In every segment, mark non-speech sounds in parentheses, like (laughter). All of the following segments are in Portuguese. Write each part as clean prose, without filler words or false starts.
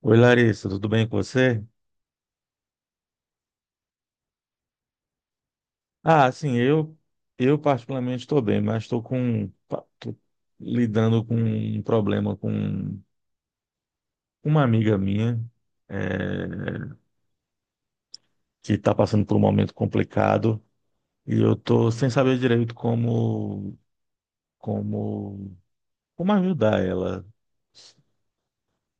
Oi, Larissa, tudo bem com você? Ah, sim, eu particularmente estou bem, mas estou com tô lidando com um problema com uma amiga minha eh, que está passando por um momento complicado e eu estou sem saber direito como como ajudar ela.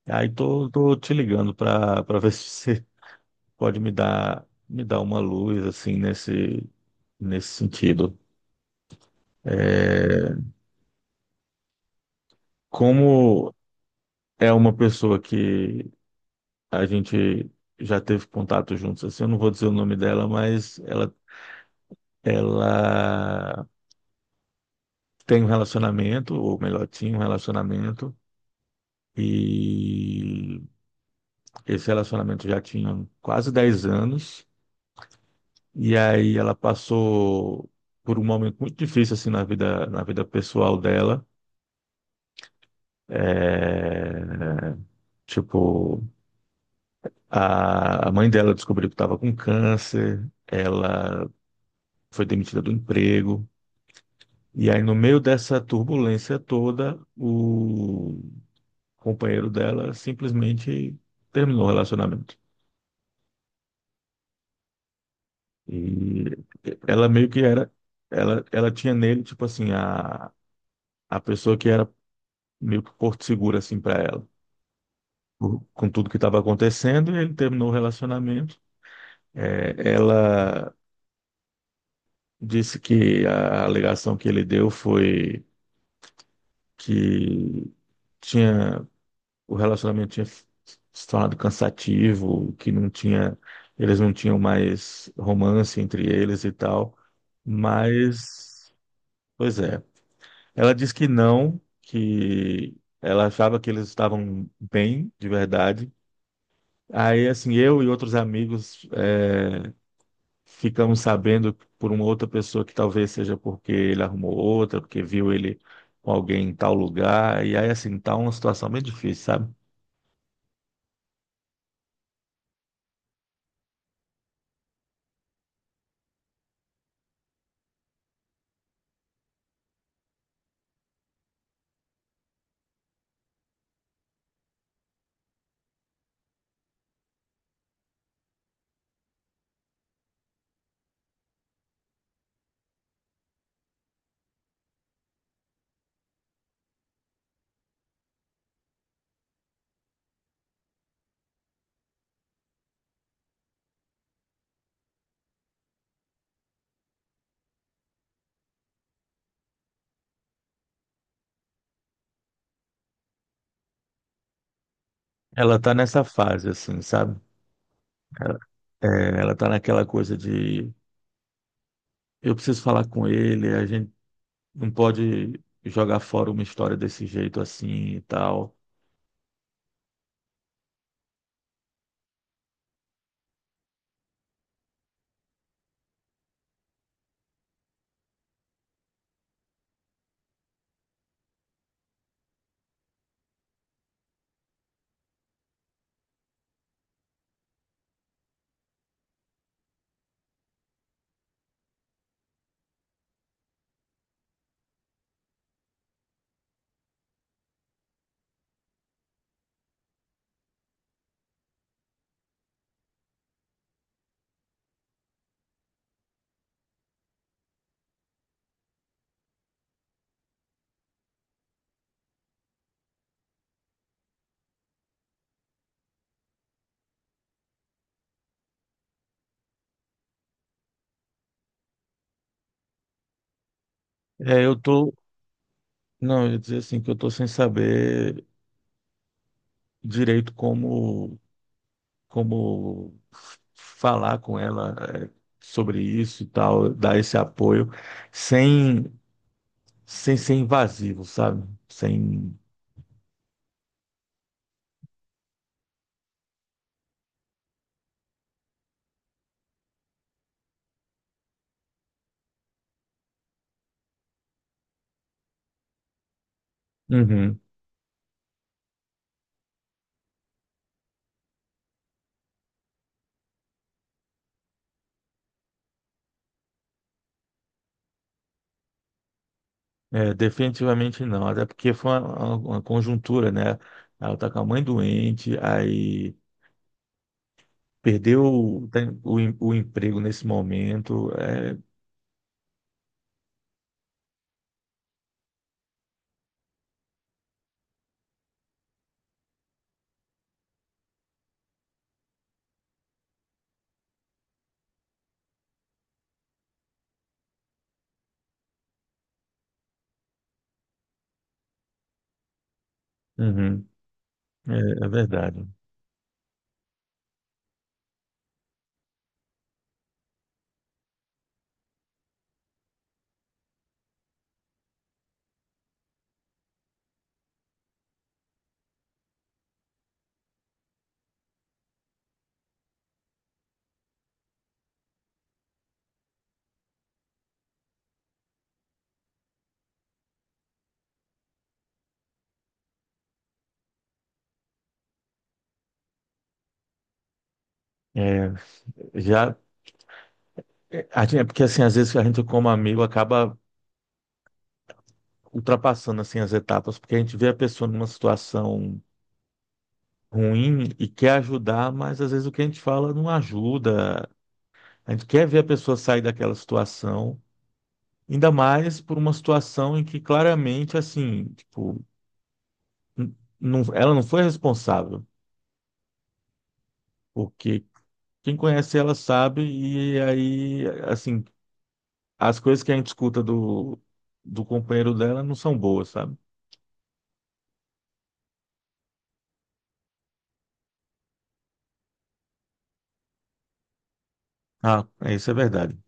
Aí tô te ligando para ver (laughs) se você pode me dar uma luz assim nesse sentido. Eh, como é uma pessoa que a gente já teve contato juntos, assim, eu não vou dizer o nome dela, ela tem um relacionamento, ou melhor, tinha um relacionamento, e esse relacionamento já tinha quase 10 anos, e aí ela passou por um momento muito difícil, assim, na vida pessoal dela. É, tipo, a mãe dela descobriu que estava com câncer, ela foi demitida do emprego. E aí, no meio dessa turbulência toda, o companheiro dela simplesmente terminou o relacionamento. E ela meio que era, ela tinha nele, tipo assim, a pessoa que era meio que porto seguro, assim, para ela, com tudo que estava acontecendo, e ele terminou o relacionamento. É, ela disse que a alegação que ele deu foi que tinha o relacionamento tinha se tornado cansativo, que não tinha, eles não tinham mais romance entre eles e tal. Mas, pois é. Ela disse que não, que ela achava que eles estavam bem, de verdade. Aí, assim, eu e outros amigos ficamos sabendo por uma outra pessoa que talvez seja porque ele arrumou outra, porque viu ele com alguém em tal lugar. E aí, assim, tá uma situação bem difícil, sabe? Ela tá nessa fase, assim, sabe? É, ela tá naquela coisa de eu preciso falar com ele, a gente não pode jogar fora uma história desse jeito assim e tal. É, eu tô, não, eu ia dizer assim que eu tô sem saber direito como falar com ela é, sobre isso e tal, dar esse apoio sem sem ser invasivo, sabe? Sem. Uhum. É, definitivamente não, até porque foi uma conjuntura, né? Ela tá com a mãe doente, aí perdeu o, tem- o, em- o emprego nesse momento. É, uhum, é verdade. É, já, é, a gente- é porque assim, às vezes a gente como amigo acaba ultrapassando assim as etapas, porque a gente vê a pessoa numa situação ruim e quer ajudar, mas às vezes o que a gente fala não ajuda. A gente quer ver a pessoa sair daquela situação. Ainda mais por uma situação em que claramente, assim, tipo, ela não foi responsável, porque quem conhece ela sabe, e aí, assim, as coisas que a gente escuta do companheiro dela não são boas, sabe? Ah, é, isso é verdade.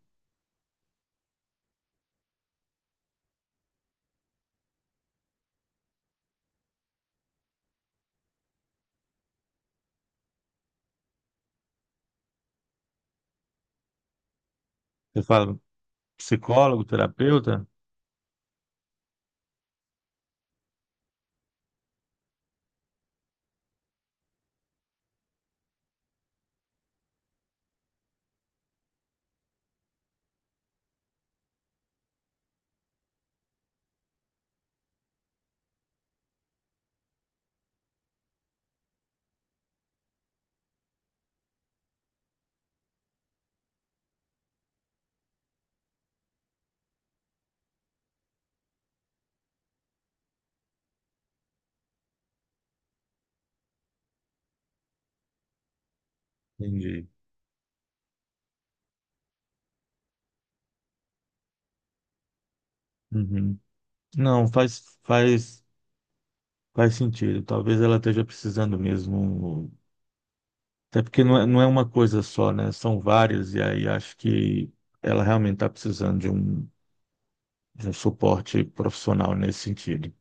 Você fala psicólogo, terapeuta? Entendi. Uhum. Não, faz sentido. Talvez ela esteja precisando mesmo. Até porque não é uma coisa só, né? São várias, e aí acho que ela realmente está precisando de um suporte profissional nesse sentido.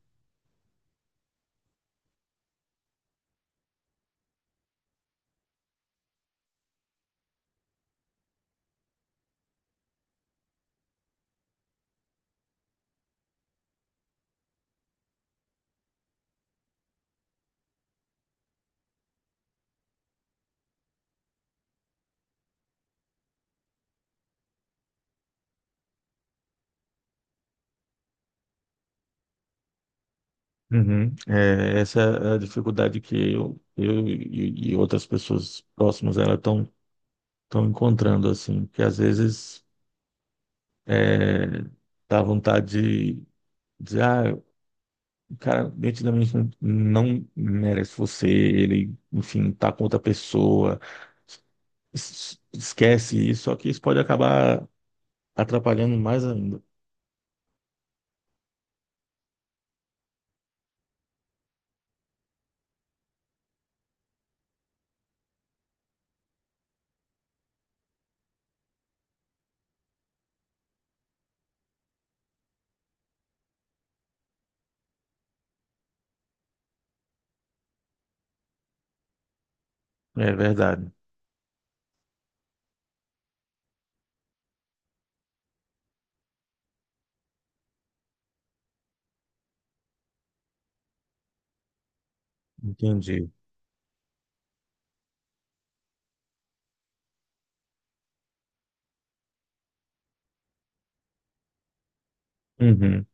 Uhum. É, essa é a dificuldade que e outras pessoas próximas a ela estão estão encontrando, assim, que às vezes é, dá vontade de dizer, ah, o cara nitidamente não merece você, ele, enfim, tá com outra pessoa, esquece isso, só que isso pode acabar atrapalhando mais ainda. É verdade, entendi. Uhum.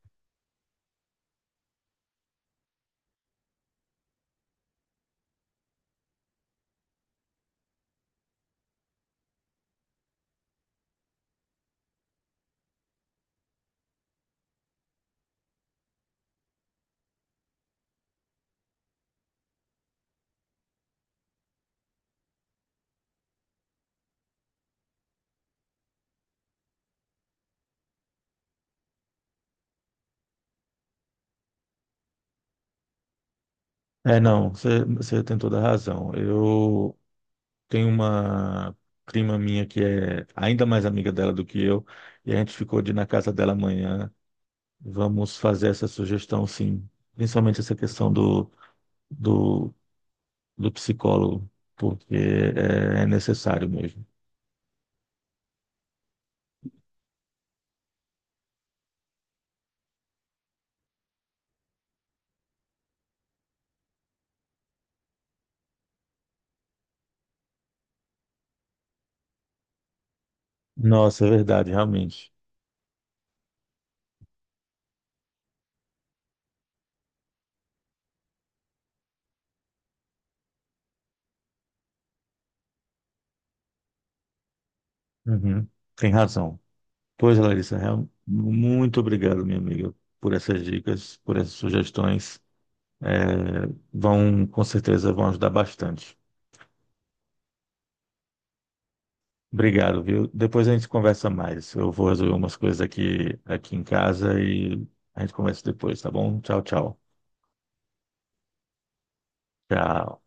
É, não, você tem toda a razão. Eu tenho uma prima minha que é ainda mais amiga dela do que eu, e a gente ficou de ir na casa dela amanhã. Vamos fazer essa sugestão, sim. Principalmente essa questão do, do psicólogo, porque é necessário mesmo. Nossa, é verdade, realmente. Uhum. Tem razão. Pois, Larissa, muito obrigado, minha amiga, por essas dicas, por essas sugestões. É, vão, com certeza, vão ajudar bastante. Obrigado, viu? Depois a gente conversa mais. Eu vou resolver umas coisas aqui em casa e a gente conversa depois, tá bom? Tchau, tchau. Tchau.